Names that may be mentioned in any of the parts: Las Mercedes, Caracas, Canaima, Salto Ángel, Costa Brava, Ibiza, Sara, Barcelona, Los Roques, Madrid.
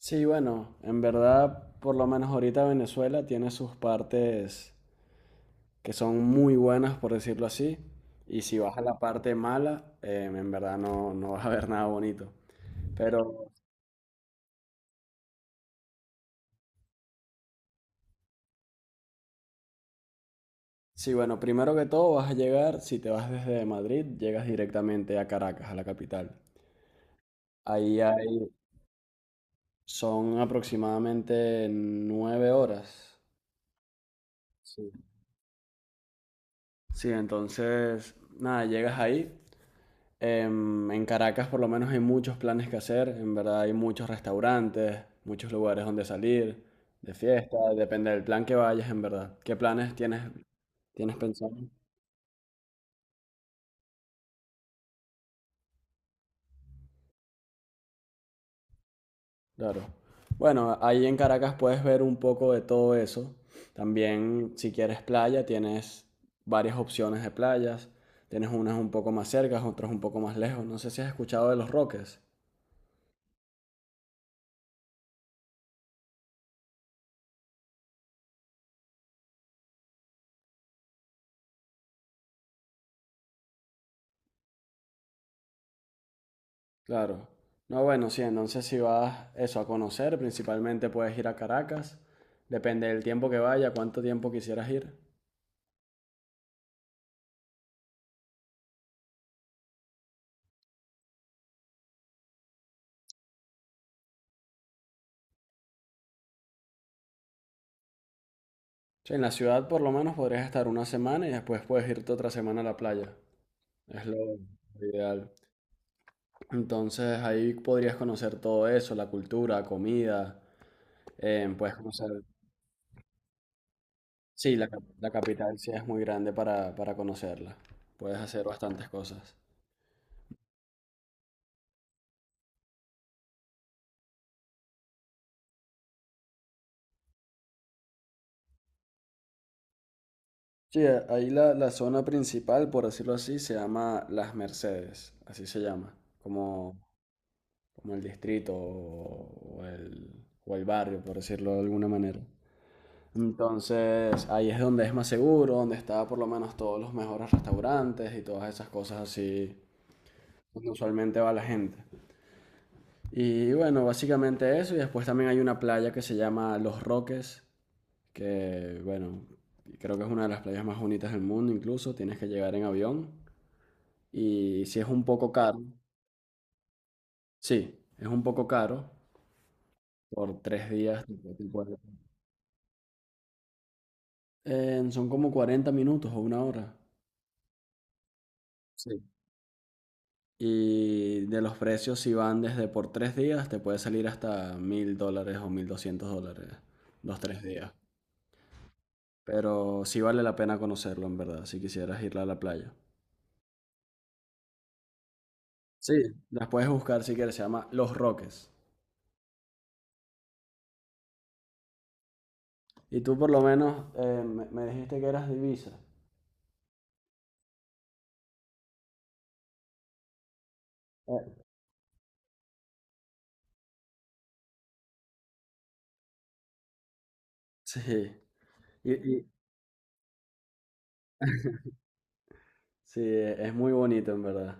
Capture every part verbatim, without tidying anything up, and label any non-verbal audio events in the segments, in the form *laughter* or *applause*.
Sí, bueno, en verdad, por lo menos ahorita Venezuela tiene sus partes que son muy buenas, por decirlo así, y si vas a la parte mala, eh, en verdad no, no vas a ver nada bonito. Pero sí, bueno, primero que todo vas a llegar, si te vas desde Madrid, llegas directamente a Caracas, a la capital. Ahí hay, son aproximadamente nueve horas. Sí. Sí, entonces, nada, llegas ahí. Em, en Caracas por lo menos hay muchos planes que hacer, en verdad hay muchos restaurantes, muchos lugares donde salir, de fiesta, depende del plan que vayas, en verdad. ¿Qué planes tienes, tienes pensado? Claro. Bueno, ahí en Caracas puedes ver un poco de todo eso. También si quieres playa, tienes varias opciones de playas. Tienes unas un poco más cercas, otras un poco más lejos. No sé si has escuchado de Los Roques. Claro. No, bueno, sí, entonces si vas eso a conocer, principalmente puedes ir a Caracas. Depende del tiempo que vaya, cuánto tiempo quisieras ir. Sí, en la ciudad por lo menos podrías estar una semana y después puedes irte otra semana a la playa. Es lo lo ideal. Entonces ahí podrías conocer todo eso, la cultura, comida, em, puedes conocer... Sí, la, cap- la capital sí es muy grande para, para conocerla. Puedes hacer bastantes cosas. Sí, a- ahí la, la zona principal, por decirlo así, se llama Las Mercedes, así se llama, como, como el distrito o, o el, o el barrio, por decirlo de alguna manera. Entonces, ahí es donde es más seguro, donde está por lo menos todos los mejores restaurantes y todas esas cosas así, donde usualmente va la gente. Y bueno, básicamente eso, y después también hay una playa que se llama Los Roques, que bueno, creo que es una de las playas más bonitas del mundo incluso, tienes que llegar en avión. Y si es un poco caro, sí, es un poco caro. Por tres días. Te puede- te puede- Eh, son como cuarenta minutos o una hora. Sí. Y de los precios, si van desde por tres días, te puede salir hasta mil dólares o mil doscientos dólares los tres días. Pero sí vale la pena conocerlo, en verdad, si quisieras ir a la playa. Sí, las puedes buscar si quieres, se llama Los Roques. Y tú por lo menos, eh, me, me dijiste que eras divisa. Sí. Y, y- Sí, e- es muy bonito en verdad.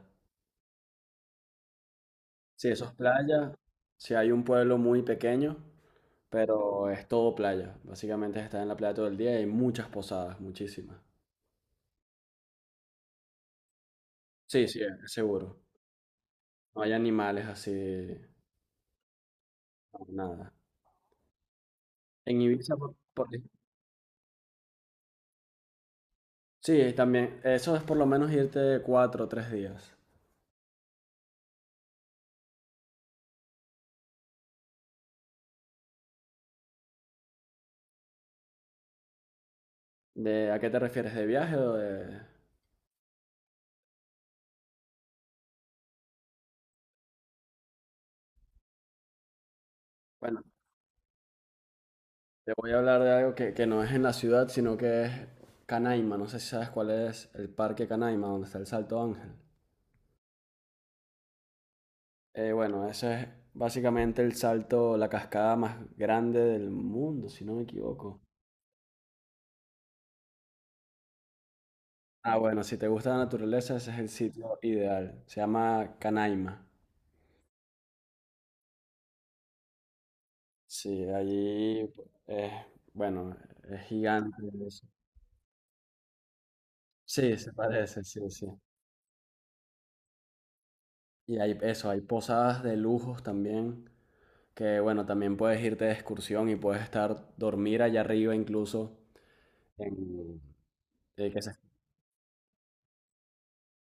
Sí, eso es playa. Sí, hay un pueblo muy pequeño, pero es todo playa. Básicamente está en la playa todo el día y hay muchas posadas, muchísimas. Sí, sí, es seguro. No hay animales así, no, nada. En Ibiza, por, por- sí, también. Eso es por lo menos irte cuatro o tres días. ¿De, a qué te refieres? ¿De viaje o de...? Bueno, te voy a hablar de algo que, que no es en la ciudad, sino que es Canaima. No sé si sabes cuál es el parque Canaima, donde está el Salto Ángel. Eh, bueno, ese es básicamente el salto, la cascada más grande del mundo, si no me equivoco. Ah, bueno, si te gusta la naturaleza, ese es el sitio ideal. Se llama Canaima. Sí, allí es, bueno, es gigante eso. Sí, se parece, sí, sí. Y hay eso, hay posadas de lujos también, que bueno, también puedes irte de excursión y puedes estar, dormir allá arriba incluso, en, eh, que se.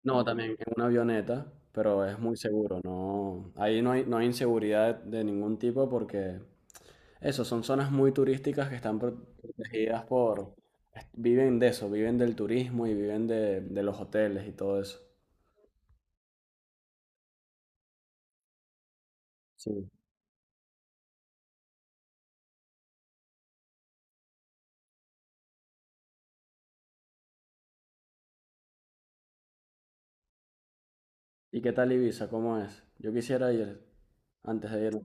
No, también en una avioneta, pero es muy seguro. No, ahí no hay, no hay inseguridad de, de ningún tipo porque eso, son zonas muy turísticas que están pro- protegidas por, viven de eso, viven del turismo y viven de, de los hoteles y todo eso. Sí. ¿Y qué tal Ibiza? ¿Cómo es? Yo quisiera ir antes de ir,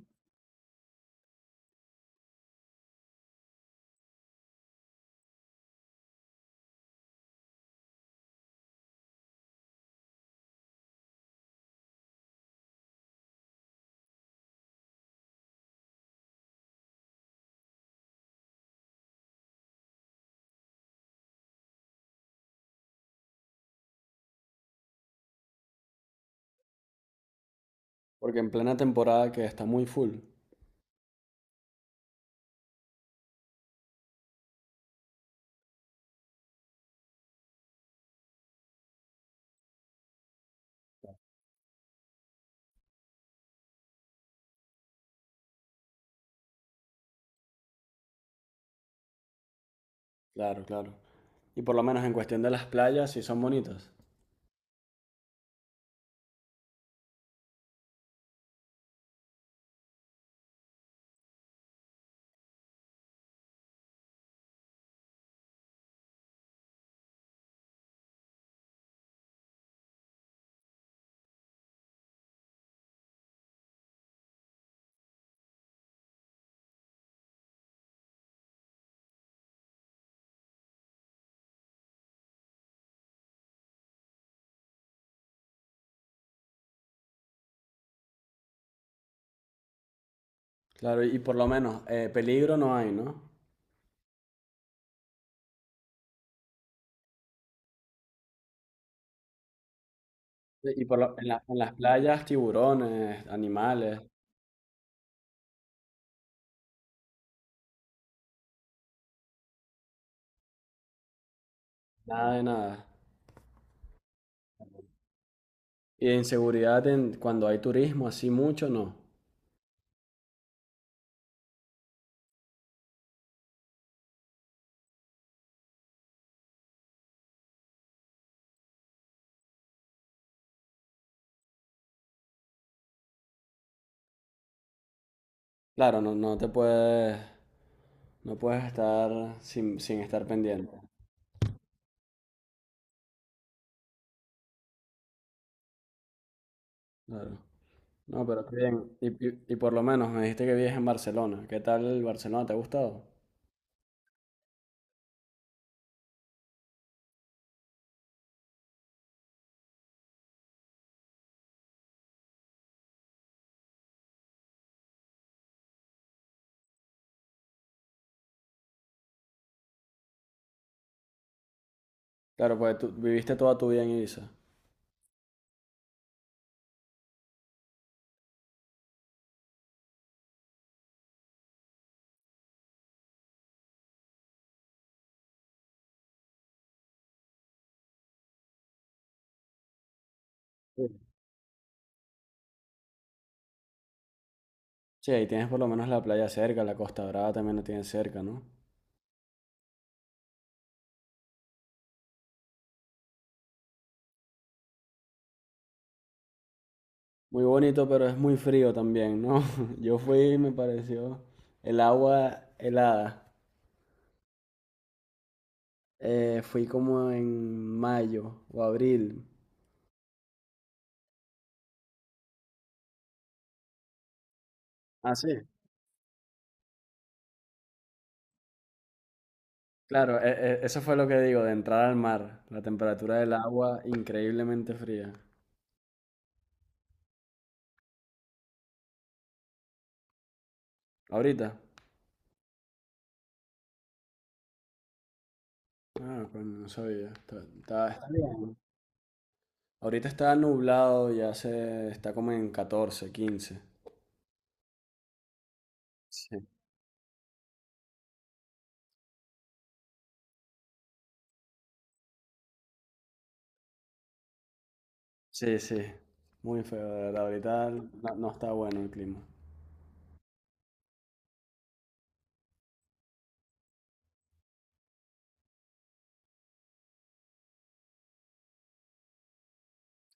porque en plena temporada que está muy full. Claro, claro. Y por lo menos en cuestión de las playas sí son bonitas. Claro, y por lo menos, eh, peligro no hay, ¿no? Y por lo- en la- en las playas, tiburones, animales, nada de nada. Y de inseguridad, en, cuando hay turismo, así mucho, no. Claro, no, no te puedes, no puedes estar sin, sin estar pendiente. Claro. No, pero qué bien. Y, y- y por lo menos me dijiste que vives en Barcelona. ¿Qué tal el Barcelona? ¿Te ha gustado? Claro, pues tú viviste toda tu vida en Ibiza. Sí, sí, ahí tienes por lo menos la playa cerca, la Costa Brava también la tienes cerca, ¿no? Muy bonito, pero es muy frío también, ¿no? *laughs* Yo fui y me pareció el agua helada. Eh, fui como en mayo o abril. Ah, sí. Claro, e- e- eso fue lo que digo, de entrar al mar. La temperatura del agua increíblemente fría. ¿Ahorita? Ah, coño, no sabía. Está, está- está bien. Ahorita está nublado, ya se está como en catorce, quince. Sí, sí, sí. Muy feo, de verdad. Ahorita no, no está bueno el clima.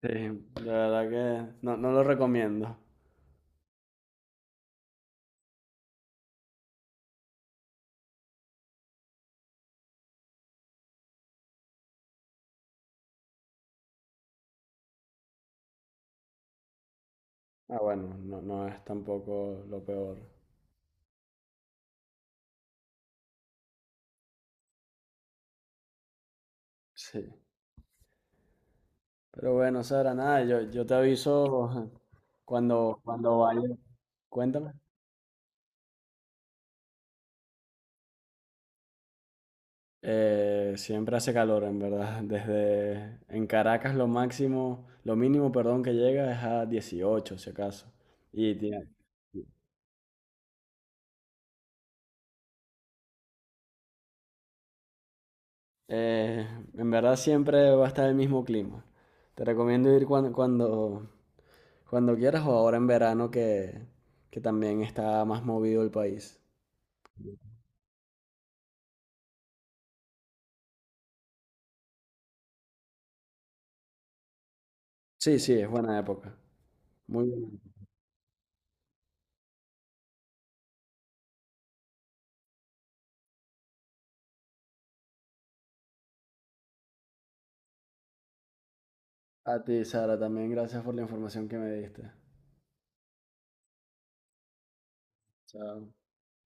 Sí, de verdad que no, no lo recomiendo. Ah, bueno, no, no es tampoco lo peor. Sí. Pero bueno, Sara, nada, yo, yo te aviso *laughs* cuando, cuando vaya. Cuéntame. Eh, siempre hace calor, en verdad. Desde en Caracas lo máximo, lo mínimo, perdón, que llega es a dieciocho si acaso. Y tiene- eh, en verdad siempre va a estar el mismo clima. Te recomiendo ir cuando, cuando, Cuando quieras o ahora en verano que, que también está más movido el país. Sí, sí, es buena época. Muy bien. A ti, Sara, también gracias por la información que me diste. Chao.